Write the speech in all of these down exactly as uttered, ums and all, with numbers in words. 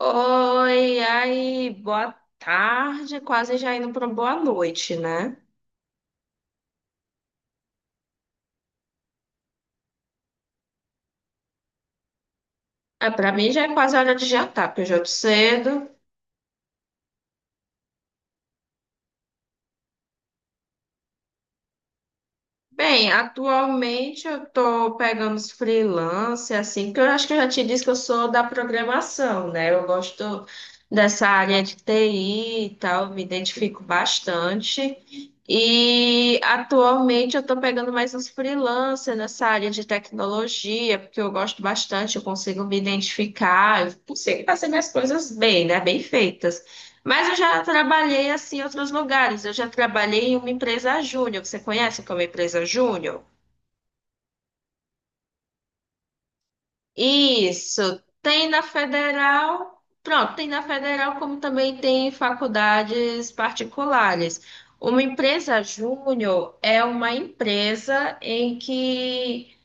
Oi, aí, boa tarde, quase já indo para boa noite, né? É, para mim já é quase hora de jantar, porque eu janto cedo. Bem, atualmente eu estou pegando os freelance, assim, porque eu acho que eu já te disse que eu sou da programação, né? Eu gosto dessa área de T I e tal, me identifico bastante. E atualmente eu estou pegando mais uns freelancers nessa área de tecnologia, porque eu gosto bastante, eu consigo me identificar, eu consigo fazer minhas coisas bem, né? Bem feitas. Mas eu já trabalhei assim em outros lugares. Eu já trabalhei em uma empresa júnior. Você conhece como empresa júnior? Isso. Tem na federal. Pronto, tem na federal, como também tem em faculdades particulares. Uma empresa júnior é uma empresa em que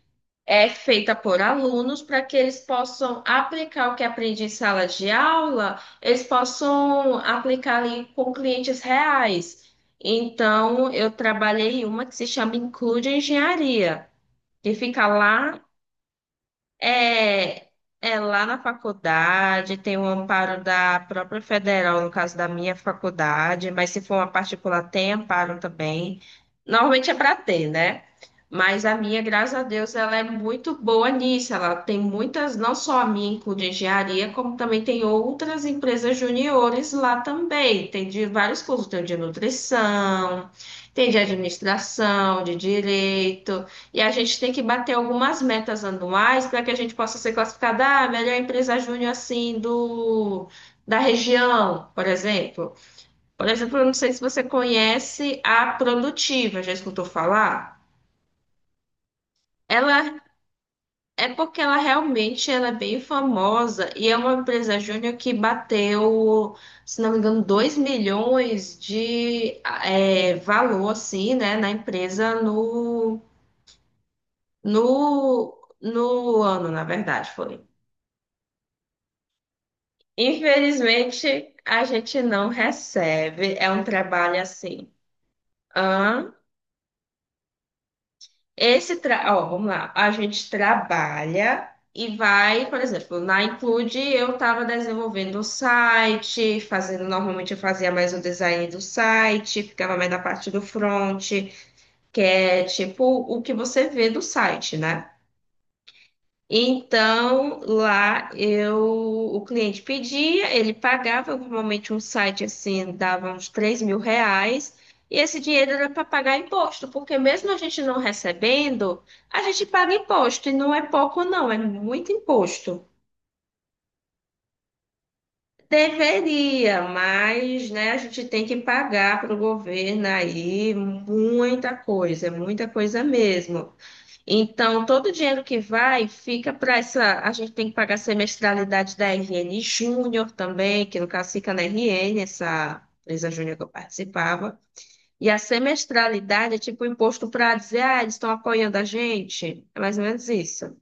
é feita por alunos para que eles possam aplicar o que aprende em sala de aula, eles possam aplicar ali com clientes reais. Então, eu trabalhei em uma que se chama Include Engenharia, que fica lá é, é lá na faculdade, tem o amparo da própria federal, no caso da minha faculdade, mas se for uma particular, tem amparo também. Normalmente é para ter, né? Mas a minha, graças a Deus, ela é muito boa nisso. Ela tem muitas, não só a minha, incluindo engenharia, como também tem outras empresas juniores lá também. Tem de vários cursos, tem o de nutrição, tem de administração, de direito. E a gente tem que bater algumas metas anuais para que a gente possa ser classificada a ah, melhor empresa júnior assim do da região, por exemplo. Por exemplo, eu não sei se você conhece a Produtiva, já escutou falar? Ela É porque ela realmente ela é bem famosa e é uma empresa júnior que bateu, se não me engano, dois milhões de é, valor assim, né, na empresa no, no, no ano, na verdade, foi. Infelizmente, a gente não recebe. É um trabalho assim. Hã? Esse tra... Ó, vamos lá. A gente trabalha e vai, por exemplo, na Include eu estava desenvolvendo o site, fazendo, normalmente eu fazia mais o design do site, ficava mais na parte do front, que é tipo o que você vê do site, né? Então, lá eu, o cliente pedia, ele pagava, normalmente um site assim dava uns três mil reais, e esse dinheiro era para pagar imposto, porque mesmo a gente não recebendo, a gente paga imposto, e não é pouco não, é muito imposto. Deveria, mas né, a gente tem que pagar para o governo aí muita coisa, muita coisa mesmo. Então, todo o dinheiro que vai fica para essa. A gente tem que pagar a semestralidade da R N Júnior também, que no caso fica na R N, essa empresa júnior que eu participava. E a semestralidade é tipo imposto para dizer, ah, eles estão apoiando a gente. É mais ou menos isso.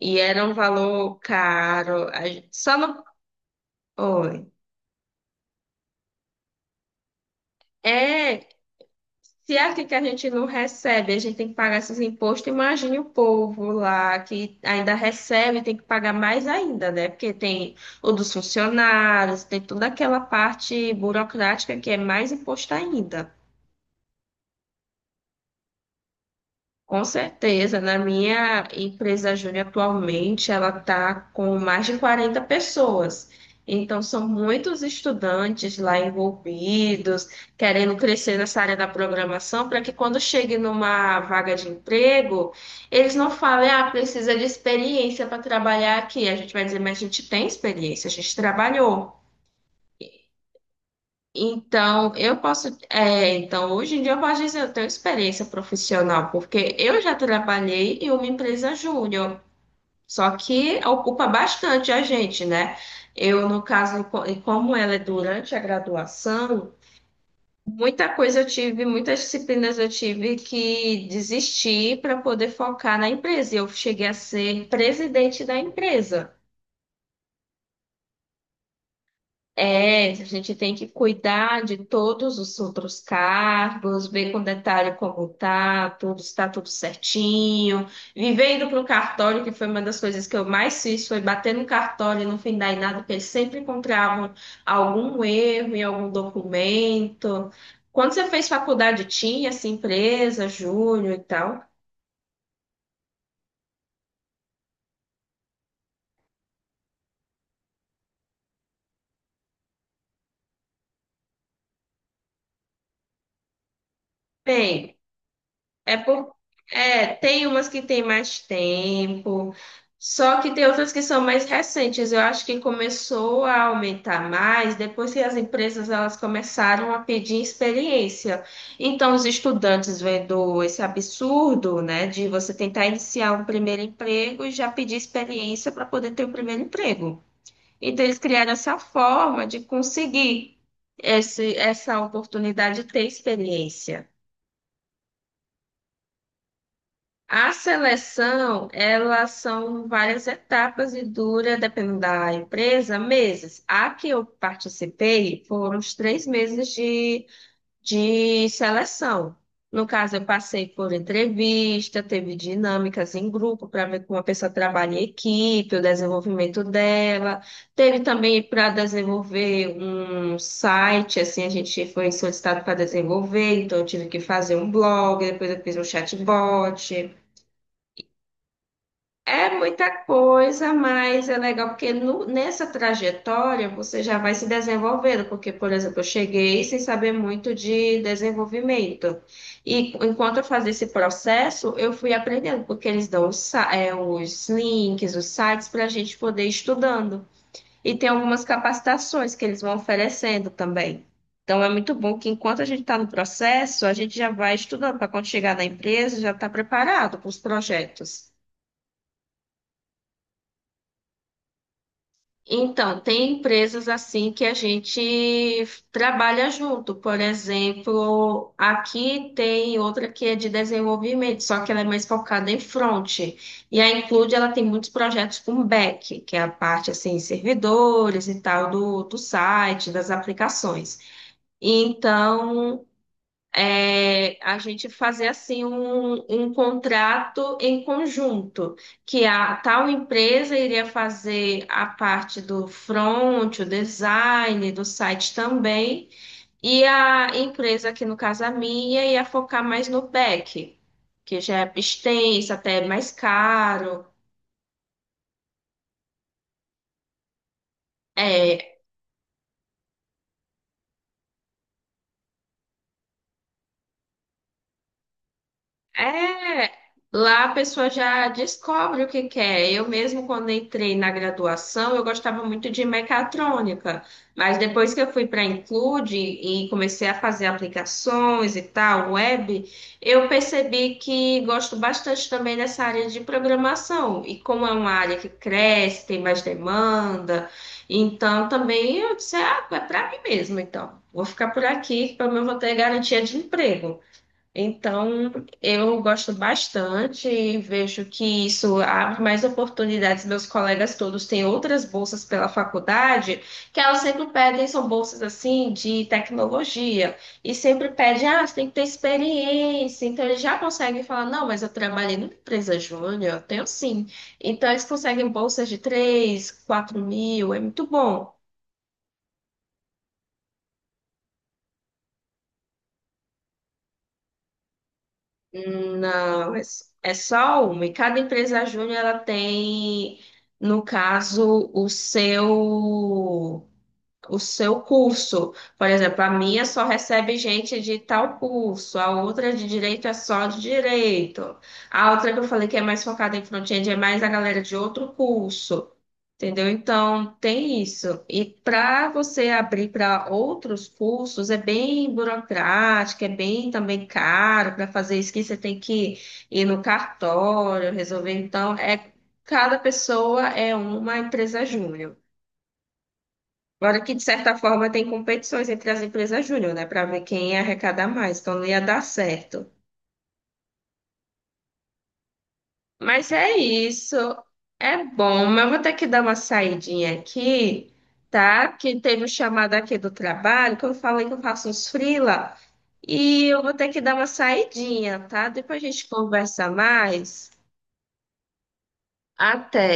E era um valor caro. A gen- Só no. Oi. É, se é aqui que a gente não recebe, a gente tem que pagar esses impostos, imagine o povo lá que ainda recebe, tem que pagar mais ainda, né? Porque tem o dos funcionários, tem toda aquela parte burocrática que é mais imposto ainda. Com certeza, na minha empresa Júnior atualmente, ela está com mais de quarenta pessoas. Então, são muitos estudantes lá envolvidos, querendo crescer nessa área da programação, para que quando chegue numa vaga de emprego, eles não falem, ah, precisa de experiência para trabalhar aqui. A gente vai dizer, mas a gente tem experiência, a gente trabalhou. Então, eu posso. É, então, hoje em dia eu posso dizer, que eu tenho experiência profissional, porque eu já trabalhei em uma empresa júnior, só que ocupa bastante a gente, né? Eu, no caso, co- e como ela é durante a graduação, muita coisa eu tive, muitas disciplinas eu tive que desistir para poder focar na empresa. E eu cheguei a ser presidente da empresa. É, a gente tem que cuidar de todos os outros cargos, ver com detalhe como tá, tudo está tudo certinho. Viver indo para o cartório, que foi uma das coisas que eu mais fiz, foi bater no cartório e não findar em nada, porque eles sempre encontravam algum erro em algum documento. Quando você fez faculdade, tinha essa empresa, Júnior e tal? Bem. É por... é, tem umas que tem mais tempo, só que tem outras que são mais recentes. Eu acho que começou a aumentar mais depois que as empresas elas começaram a pedir experiência. Então, os estudantes vendo esse absurdo, né, de você tentar iniciar um primeiro emprego e já pedir experiência para poder ter o primeiro emprego. Então, eles criaram essa forma de conseguir esse, essa oportunidade de ter experiência. A seleção, elas são várias etapas e dura, dependendo da empresa, meses. A que eu participei foram os três meses de, de seleção. No caso, eu passei por entrevista, teve dinâmicas em grupo para ver como a pessoa trabalha em equipe, o desenvolvimento dela. Teve também para desenvolver um site, assim, a gente foi solicitado para desenvolver, então eu tive que fazer um blog, depois eu fiz um chatbot. É muita coisa, mas é legal porque no- nessa trajetória você já vai se desenvolvendo, porque, por exemplo, eu cheguei sem saber muito de desenvolvimento. E enquanto eu fazia esse processo, eu fui aprendendo, porque eles dão os, sa- é, os links, os sites para a gente poder ir estudando. E tem algumas capacitações que eles vão oferecendo também. Então é muito bom que enquanto a gente está no processo, a gente já vai estudando para quando chegar na empresa, já está preparado para os projetos. Então, tem empresas assim que a gente trabalha junto. Por exemplo, aqui tem outra que é de desenvolvimento, só que ela é mais focada em front. E a Include, ela tem muitos projetos com back, que é a parte assim, servidores e tal do, do site, das aplicações. Então, é, a gente fazer assim um, um contrato em conjunto, que a tal empresa iria fazer a parte do front, o design do site também, e a empresa, que no caso a minha, ia focar mais no back, que já é extensa, até é mais caro. É, É, Lá a pessoa já descobre o que quer. Eu mesmo, quando entrei na graduação, eu gostava muito de mecatrônica, mas depois que eu fui para a Include e comecei a fazer aplicações e tal, web, eu percebi que gosto bastante também dessa área de programação. E como é uma área que cresce, tem mais demanda, então também eu disse, ah, é para mim mesmo, então. Vou ficar por aqui, pelo menos vou ter garantia de emprego. Então, eu gosto bastante, vejo que isso abre mais oportunidades. Meus colegas todos têm outras bolsas pela faculdade, que elas sempre pedem, são bolsas assim de tecnologia, e sempre pedem, ah, você tem que ter experiência. Então, eles já conseguem falar, não, mas eu trabalhei numa empresa júnior, eu tenho sim. Então, eles conseguem bolsas de três, quatro mil, é muito bom. Não, é s- é só uma. E cada empresa júnior ela tem, no caso, o seu o seu curso. Por exemplo, a minha só recebe gente de tal curso, a outra de direito é só de direito. A outra que eu falei que é mais focada em front-end é mais a galera de outro curso. Entendeu? Então, tem isso. E para você abrir para outros cursos, é bem burocrático, é bem também caro. Para fazer isso que você tem que ir no cartório, resolver. Então, é cada pessoa é uma empresa júnior. Agora que, de certa forma, tem competições entre as empresas júnior, né? Para ver quem ia arrecadar mais, então não ia dar certo. Mas é isso. É bom, mas eu vou ter que dar uma saidinha aqui, tá? Porque teve um chamado aqui do trabalho, que eu falei que eu faço uns freela. E eu vou ter que dar uma saidinha, tá? Depois a gente conversa mais. Até.